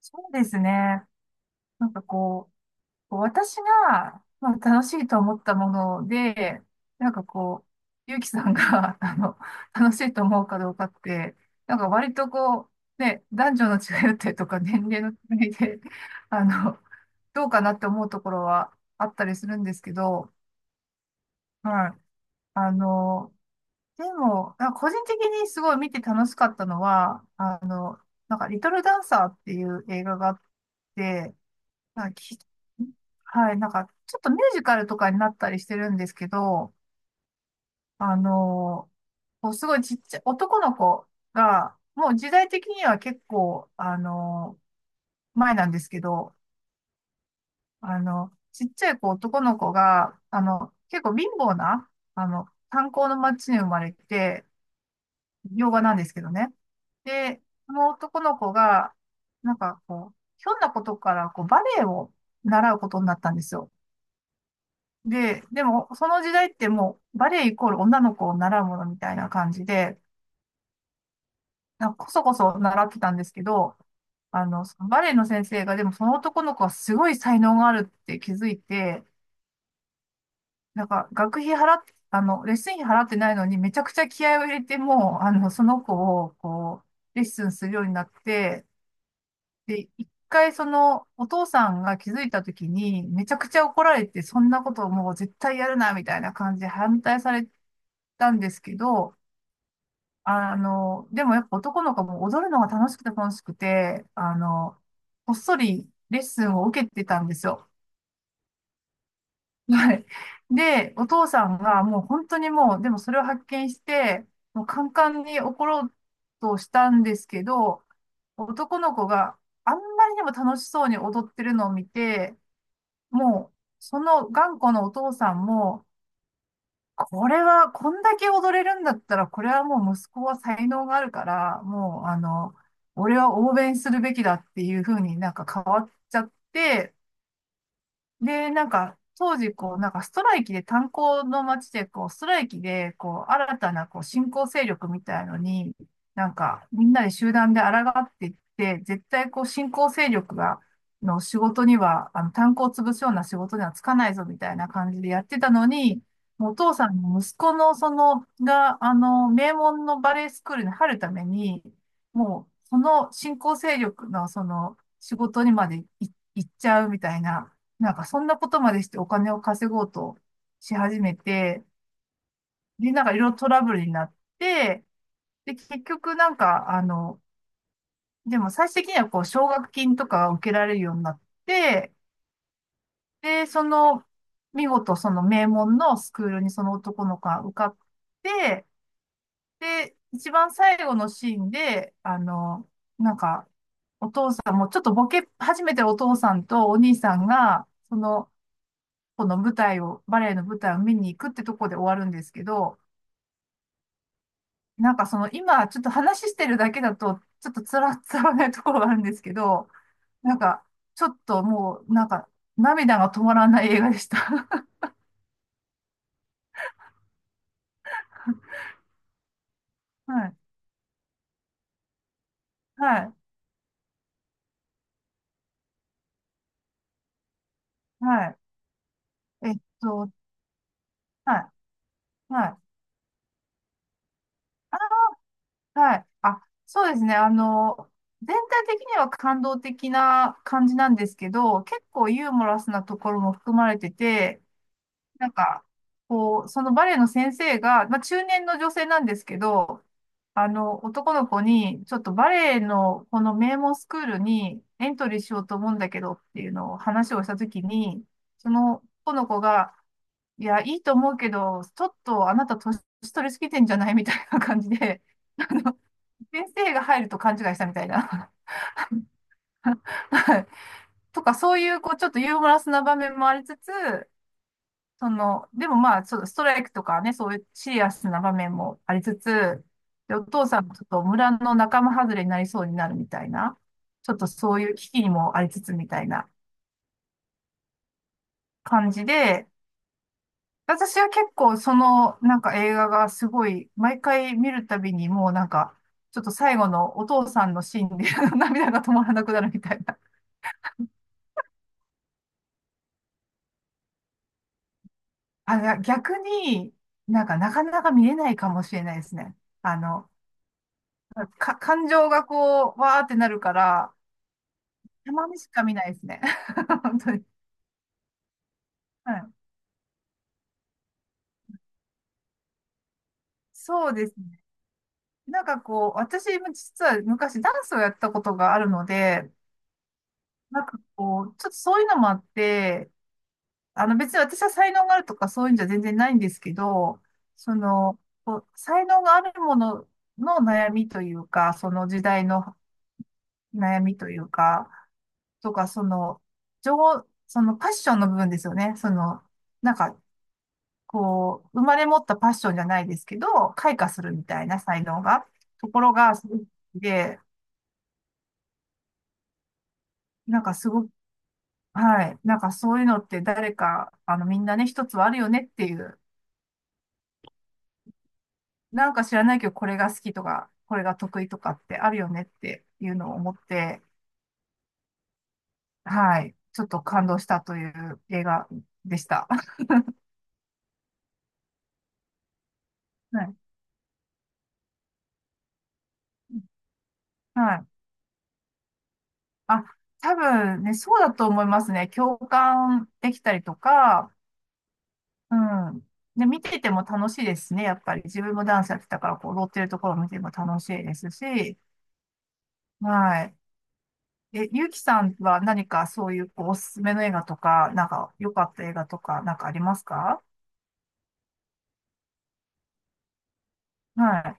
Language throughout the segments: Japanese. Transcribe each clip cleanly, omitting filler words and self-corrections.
そうですね。なんかこう、私が、まあ、楽しいと思ったもので、なんかこゆうきさんが、楽しいと思うかどうかって、なんか割とね、男女の違いだったりとか、年齢の違いで、あの、どうかなって思うところはあったりするんですけど、はい。あの、でも、なんか個人的にすごい見て楽しかったのは、なんか、リトルダンサーっていう映画があって、まあ、き、はい、なんか、ちょっとミュージカルとかになったりしてるんですけど、あのこうすごいちっちゃい男の子が、もう時代的には結構、前なんですけど、あの、ちっちゃい子、男の子が、あの、結構貧乏な、炭鉱の町に生まれて、洋画なんですけどね。で、その男の子が、ひょんなことから、バレエを習うことになったんですよ。でも、その時代ってもう、バレエイコール女の子を習うものみたいな感じで、なんかこそこそ習ってたんですけど、そのバレエの先生が、でもその男の子はすごい才能があるって気づいて、なんか学費払って、レッスン費払ってないのに、めちゃくちゃ気合を入れて、もう、あの、その子を、レッスンするようになって、で、一回その、お父さんが気づいた時に、めちゃくちゃ怒られて、そんなことをもう絶対やるな、みたいな感じで反対されてたんですけど、でもやっぱ男の子も踊るのが楽しくて楽しくて、こっそりレッスンを受けてたんですよ。はい。で、お父さんがもう本当にもう、でもそれを発見して、もうカンカンに怒ろうとしたんですけど、男の子があんまりにも楽しそうに踊ってるのを見て、もう、その頑固なお父さんも、これは、こんだけ踊れるんだったら、これはもう息子は才能があるから、もう、あの、俺は応援するべきだっていうふうになんか変わっちゃって、で、なんか、当時、なんかストライキで、炭鉱の町で、ストライキで、新たな、新興勢力みたいのに、なんか、みんなで集団で抗っていって、絶対、新興勢力が、の仕事には、炭鉱を潰すような仕事にはつかないぞ、みたいな感じでやってたのに、もうお父さんの息子の、その、が、名門のバレエスクールに入るために、もう、その新興勢力の、その、仕事にまで行っちゃうみたいな、なんかそんなことまでしてお金を稼ごうとし始めて、で、なんかいろいろトラブルになって、で、結局、でも最終的にはこう、奨学金とかが受けられるようになって、で、その、見事その名門のスクールにその男の子が受かって、で、一番最後のシーンで、なんか、お父さんもちょっとボケ始めてるお父さんとお兄さんが、その、この舞台を、バレエの舞台を見に行くってとこで終わるんですけど、なんかその今ちょっと話してるだけだと、ちょっとつらつらないところがあるんですけど、なんかちょっともうなんか涙が止まらない映画でした。はい、はい、はい。えっと、はい、はい。はい。あ、そうですね。全体的には感動的な感じなんですけど、結構ユーモラスなところも含まれてて、なんか、そのバレエの先生が、まあ、中年の女性なんですけど、男の子に、ちょっとバレエのこの名門スクールにエントリーしようと思うんだけどっていうのを話をしたときに、その男の子が、いや、いいと思うけど、ちょっとあなた年取りすぎてんじゃないみたいな感じで、あの、先生が入ると勘違いしたみたいな。はいとか、そういう、ちょっとユーモラスな場面もありつつ、その、でもまあ、ちょっとストライクとかね、そういうシリアスな場面もありつつ、で、お父さんもちょっと村の仲間外れになりそうになるみたいな、ちょっとそういう危機にもありつつみたいな感じで、私は結構そのなんか映画がすごい、毎回見るたびにもうなんか、ちょっと最後のお父さんのシーンで 涙が止まらなくなるみたいな。あ、いや逆になんかなかなか見れないかもしれないですね。あの、感情がこう、わーってなるから、たまにしか見ないですね。本当に。はい。そうですね。私も実は昔ダンスをやったことがあるので、ちょっとそういうのもあって、あの別に私は才能があるとかそういうんじゃ全然ないんですけど、その、こう才能があるものの悩みというか、その時代の悩みというか、とか、その、情、そのパッションの部分ですよね。なんか、生まれ持ったパッションじゃないですけど、開花するみたいな才能が、ところが、すごくで、なんかすごく、はい、なんかそういうのって誰か、みんなね、一つはあるよねっていう、なんか知らないけど、これが好きとか、これが得意とかってあるよねっていうのを思って、はい、ちょっと感動したという映画でした。はい。はい。あ、多分ね、そうだと思いますね。共感できたりとか、うん。で、見てても楽しいですね。やっぱり自分もダンスやってたから、こう、踊ってるところを見ても楽しいですし、はい。え、ゆうきさんは何かそういう、こう、おすすめの映画とか、なんか、良かった映画とか、なんかありますか？は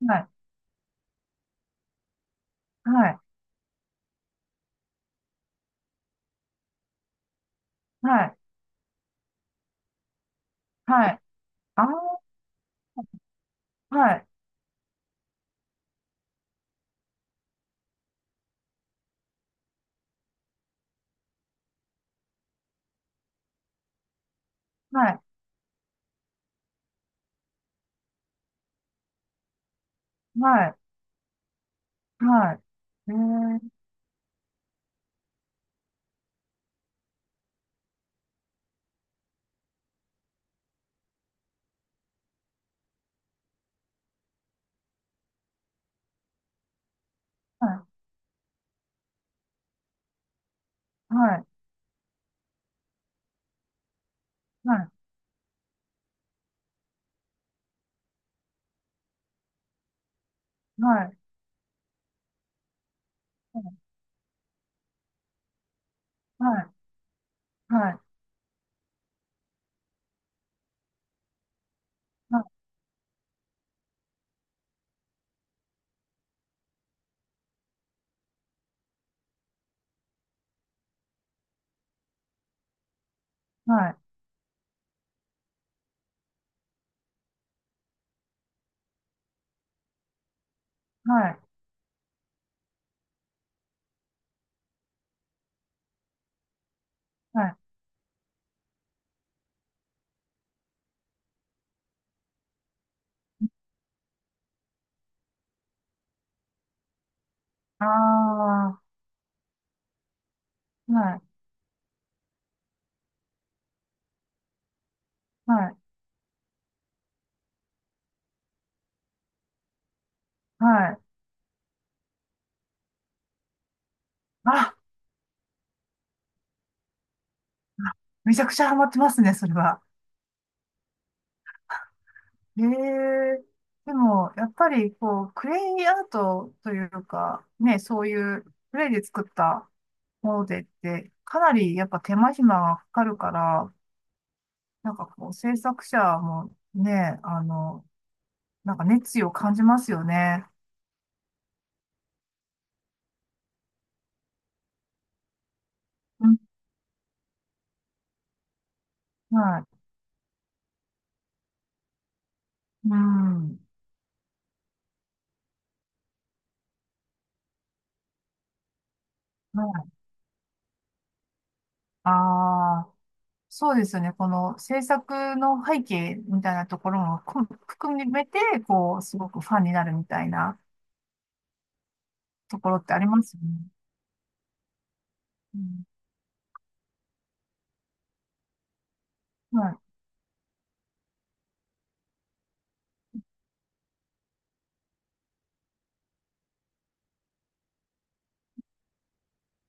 い。はい。はい。はい。はい。あー、はい。はい。はい。はい。えー、はい。はい。はい。はい。はい。はい。はい。はい。はい。はい。ああはい。はい。はい。あめちゃくちゃハマってますね、それは。へえ。でも、やっぱり、こう、クレイアートというか、ね、そういうクレイで作ったものでって、かなりやっぱ手間暇がかかるから、制作者もね、なんか熱意を感じますよね。うん、はい。うん。はい。ああ、そうですよね。この制作の背景みたいなところもこ含めて、こう、すごくファンになるみたいな。ところってありますよね。うん、は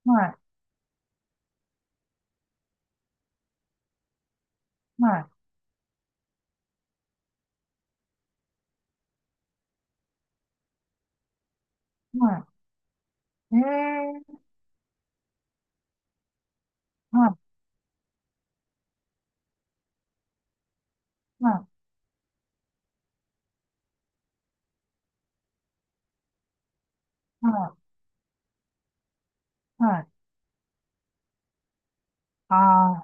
い、はい、はい、はい。ええはい、はい、はい、はい。あ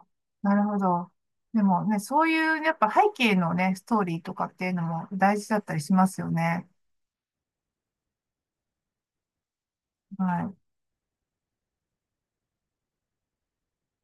あ、なるほど。でもね、そういう、やっぱ背景のね、ストーリーとかっていうのも大事だったりしますよね。はい。